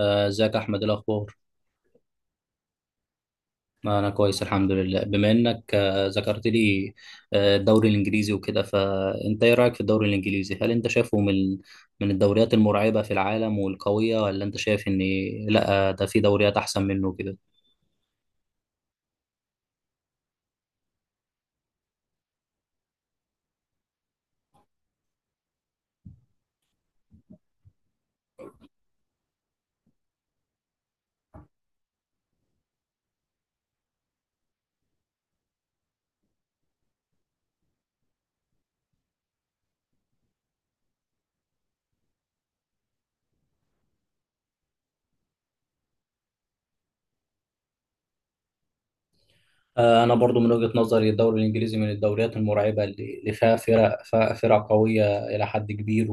ازيك يا احمد، إيه الاخبار؟ انا كويس الحمد لله، بما انك ذكرت لي الدوري الانجليزي وكده. فانت ايه رايك في الدوري الانجليزي؟ هل انت شايفه من الدوريات المرعبه في العالم والقويه، ولا انت شايف ان لا، ده في دوريات احسن منه كده؟ انا برضو من وجهه نظري الدوري الانجليزي من الدوريات المرعبه اللي فيها فرق قويه الى حد كبير.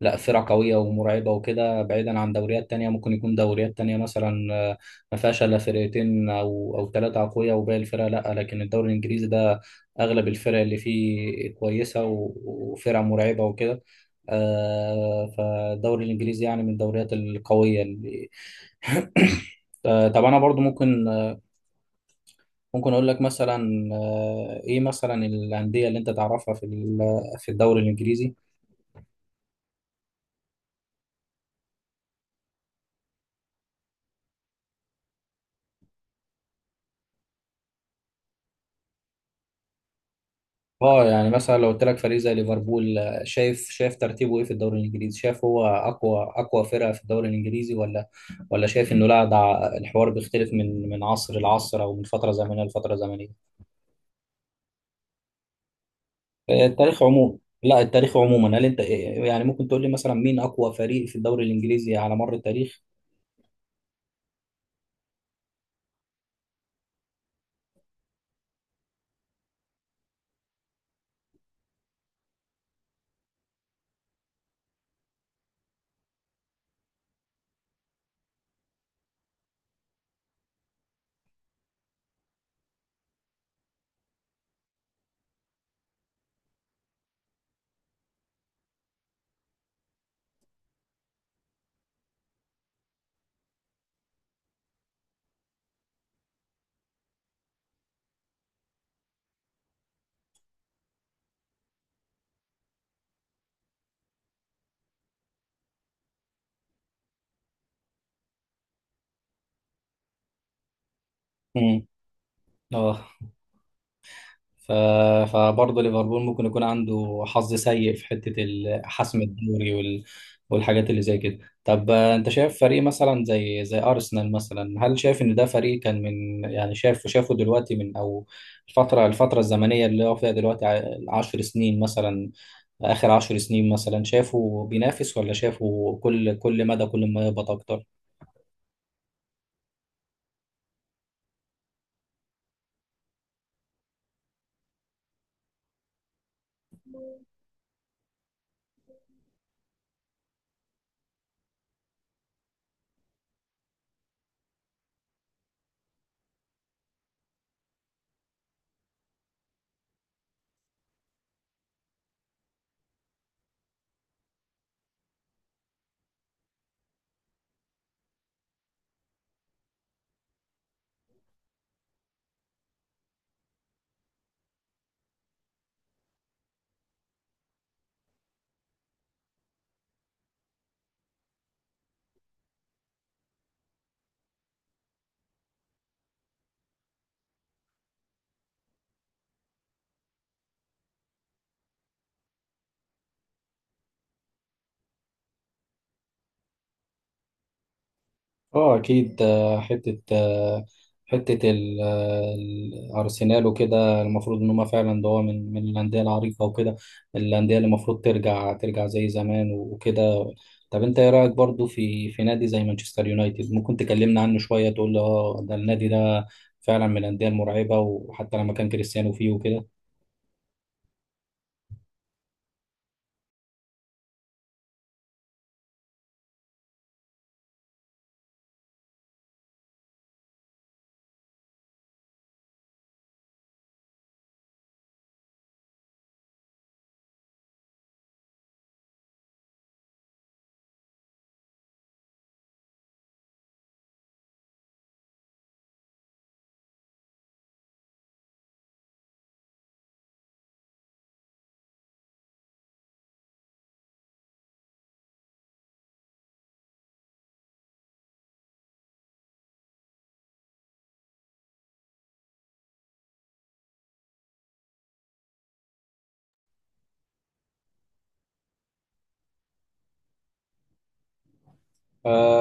لا، فرقة قوية ومرعبة وكده، بعيدا عن دوريات تانية. ممكن يكون دوريات تانية مثلا ما فيهاش إلا فرقتين أو ثلاثة أقوياء وباقي الفرق لا، لكن الدوري الإنجليزي ده أغلب الفرق اللي فيه كويسة وفرق مرعبة وكده. فالدوري الإنجليزي يعني من الدوريات القوية اللي طب أنا برضو ممكن، ممكن أقول لك مثلا، إيه مثلا الأندية اللي أنت تعرفها في الدوري الإنجليزي؟ اه، يعني مثلا لو قلت لك فريق زي ليفربول، شايف ترتيبه ايه في الدوري الانجليزي؟ شايف هو اقوى فرقه في الدوري الانجليزي، ولا شايف انه لا، ده الحوار بيختلف من عصر لعصر، او من فتره زمنيه لفتره زمنيه؟ التاريخ عموما. لا، التاريخ عموما. هل انت يعني ممكن تقول لي مثلا، مين اقوى فريق في الدوري الانجليزي على مر التاريخ؟ امم اه. ف... فبرضه ليفربول ممكن يكون عنده حظ سيء في حتة حسم الدوري والحاجات اللي زي كده. طب انت شايف فريق مثلا زي ارسنال مثلا، هل شايف ان ده فريق كان من، يعني شايف شافه دلوقتي، من او الفترة الزمنية اللي هو فيها دلوقتي، 10 سنين مثلا، اخر 10 سنين مثلا، شافه بينافس، ولا شافه كل مدى، كل ما يهبط اكتر؟ اه اكيد. حته الارسنال وكده، المفروض ان هم فعلا، ده هو من الانديه العريقه وكده، الانديه اللي المفروض ترجع زي زمان وكده. طب انت ايه رايك برضو في نادي زي مانشستر يونايتد؟ ممكن تكلمنا عنه شويه، تقول لي اه، ده النادي ده فعلا من الانديه المرعبه، وحتى لما كان كريستيانو فيه وكده.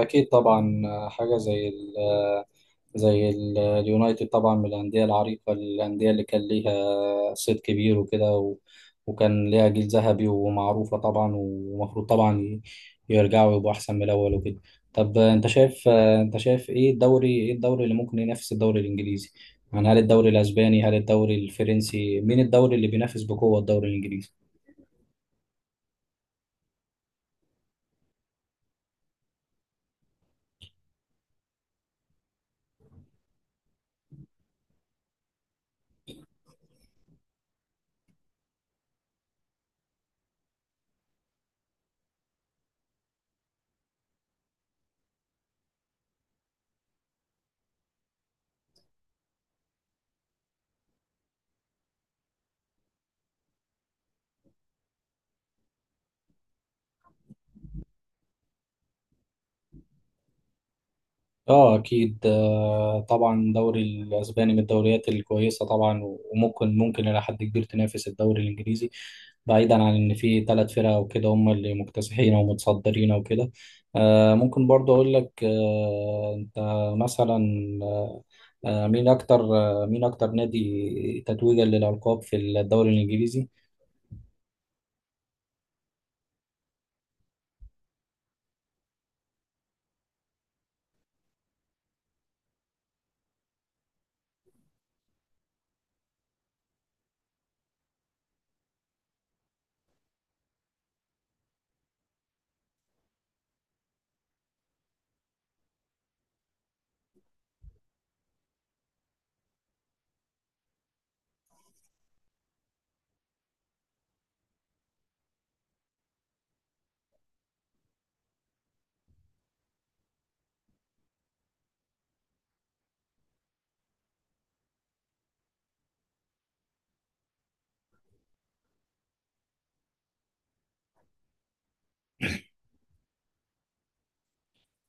أكيد طبعا. حاجة زي اليونايتد طبعا من الأندية العريقة، الأندية اللي كان ليها صيت كبير وكده، وكان ليها جيل ذهبي ومعروفة طبعا، ومفروض طبعا يرجعوا يبقوا أحسن من الأول وكده. طب أنت شايف إيه الدوري اللي ممكن ينافس الدوري الإنجليزي؟ يعني هل الدوري الأسباني؟ هل الدوري الفرنسي؟ مين الدوري اللي بينافس بقوة الدوري الإنجليزي؟ اه اكيد. طبعا الدوري الاسباني من الدوريات الكويسه طبعا، وممكن الى حد كبير تنافس الدوري الانجليزي، بعيدا عن ان في 3 فرق وكده هم اللي مكتسحين ومتصدرين وكده. ممكن برضو اقول لك، انت مثلا، مين اكتر نادي تتويجا للالقاب في الدوري الانجليزي؟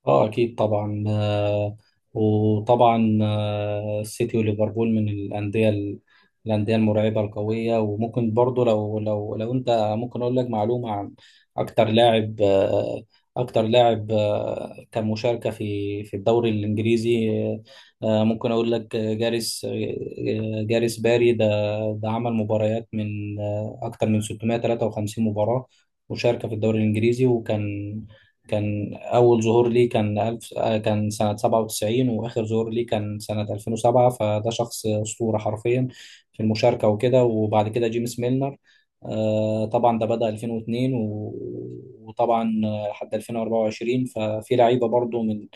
اه اكيد طبعا. وطبعا السيتي وليفربول من الانديه المرعبه القويه. وممكن برضو لو انت، ممكن اقول لك معلومه عن اكتر لاعب آه، اكتر لاعب كان مشاركه في الدوري الانجليزي. ممكن اقول لك، جاريس باري، ده عمل مباريات من، اكتر من 653 مباراه مشاركه في الدوري الانجليزي، وكان أول ظهور ليه كان ألف آه، كان سنة 97، وآخر ظهور ليه كان سنة 2007. فده شخص أسطورة حرفيا في المشاركة وكده. وبعد كده جيمس ميلنر، طبعا ده بدأ 2002 وطبعا لحد 2024. ففي لعيبة برضو من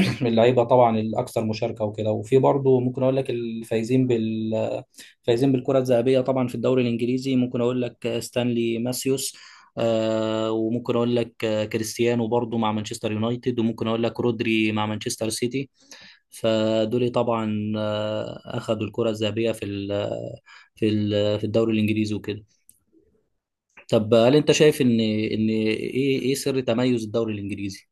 من اللعيبه طبعا الاكثر مشاركه وكده. وفي برضه ممكن اقول لك الفايزين بال فايزين بالكره الذهبيه طبعا في الدوري الانجليزي. ممكن اقول لك ستانلي ماسيوس، وممكن اقول لك كريستيانو برضه مع مانشستر يونايتد، وممكن اقول لك رودري مع مانشستر سيتي. فدول طبعا اخذوا الكره الذهبيه في الدوري الانجليزي وكده. طب هل انت شايف ان ايه سر تميز الدوري الانجليزي؟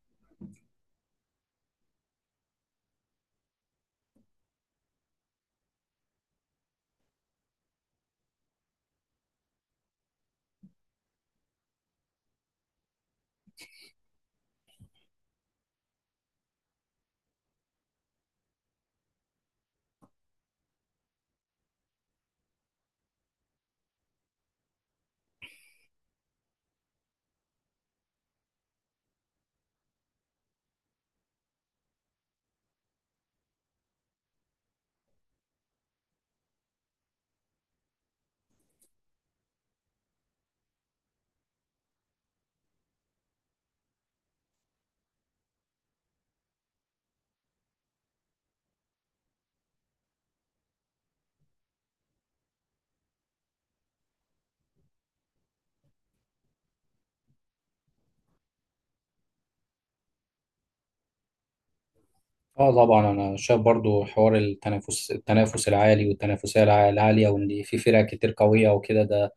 اه طبعا. انا شايف برضو حوار التنافس العالي، والتنافسيه العاليه، وان في فرق كتير قويه وكده، ده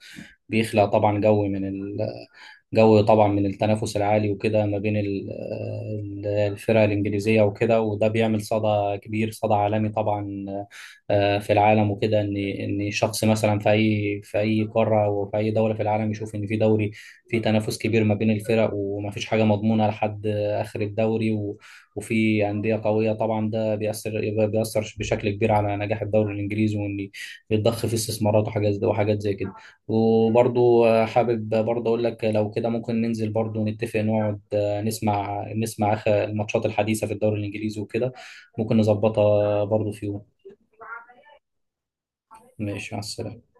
بيخلق طبعا جو طبعا من التنافس العالي وكده ما بين الفرق الانجليزيه وكده. وده بيعمل صدى كبير، صدى عالمي طبعا، في العالم وكده، ان شخص مثلا في اي قاره، وفي اي دوله في العالم، يشوف ان في دوري، في تنافس كبير ما بين الفرق، وما فيش حاجه مضمونه لحد اخر الدوري، وفي أندية قوية طبعا. ده بيأثر بشكل كبير على نجاح الدوري الإنجليزي، وإن يتضخ فيه استثمارات وحاجات زي، وحاجات زي كده. وبرضو حابب برضو أقول لك لو كده، ممكن ننزل برضو نتفق، نقعد نسمع آخر الماتشات الحديثة في الدوري الإنجليزي وكده. ممكن نظبطها برضو في يوم. ماشي، مع السلامة.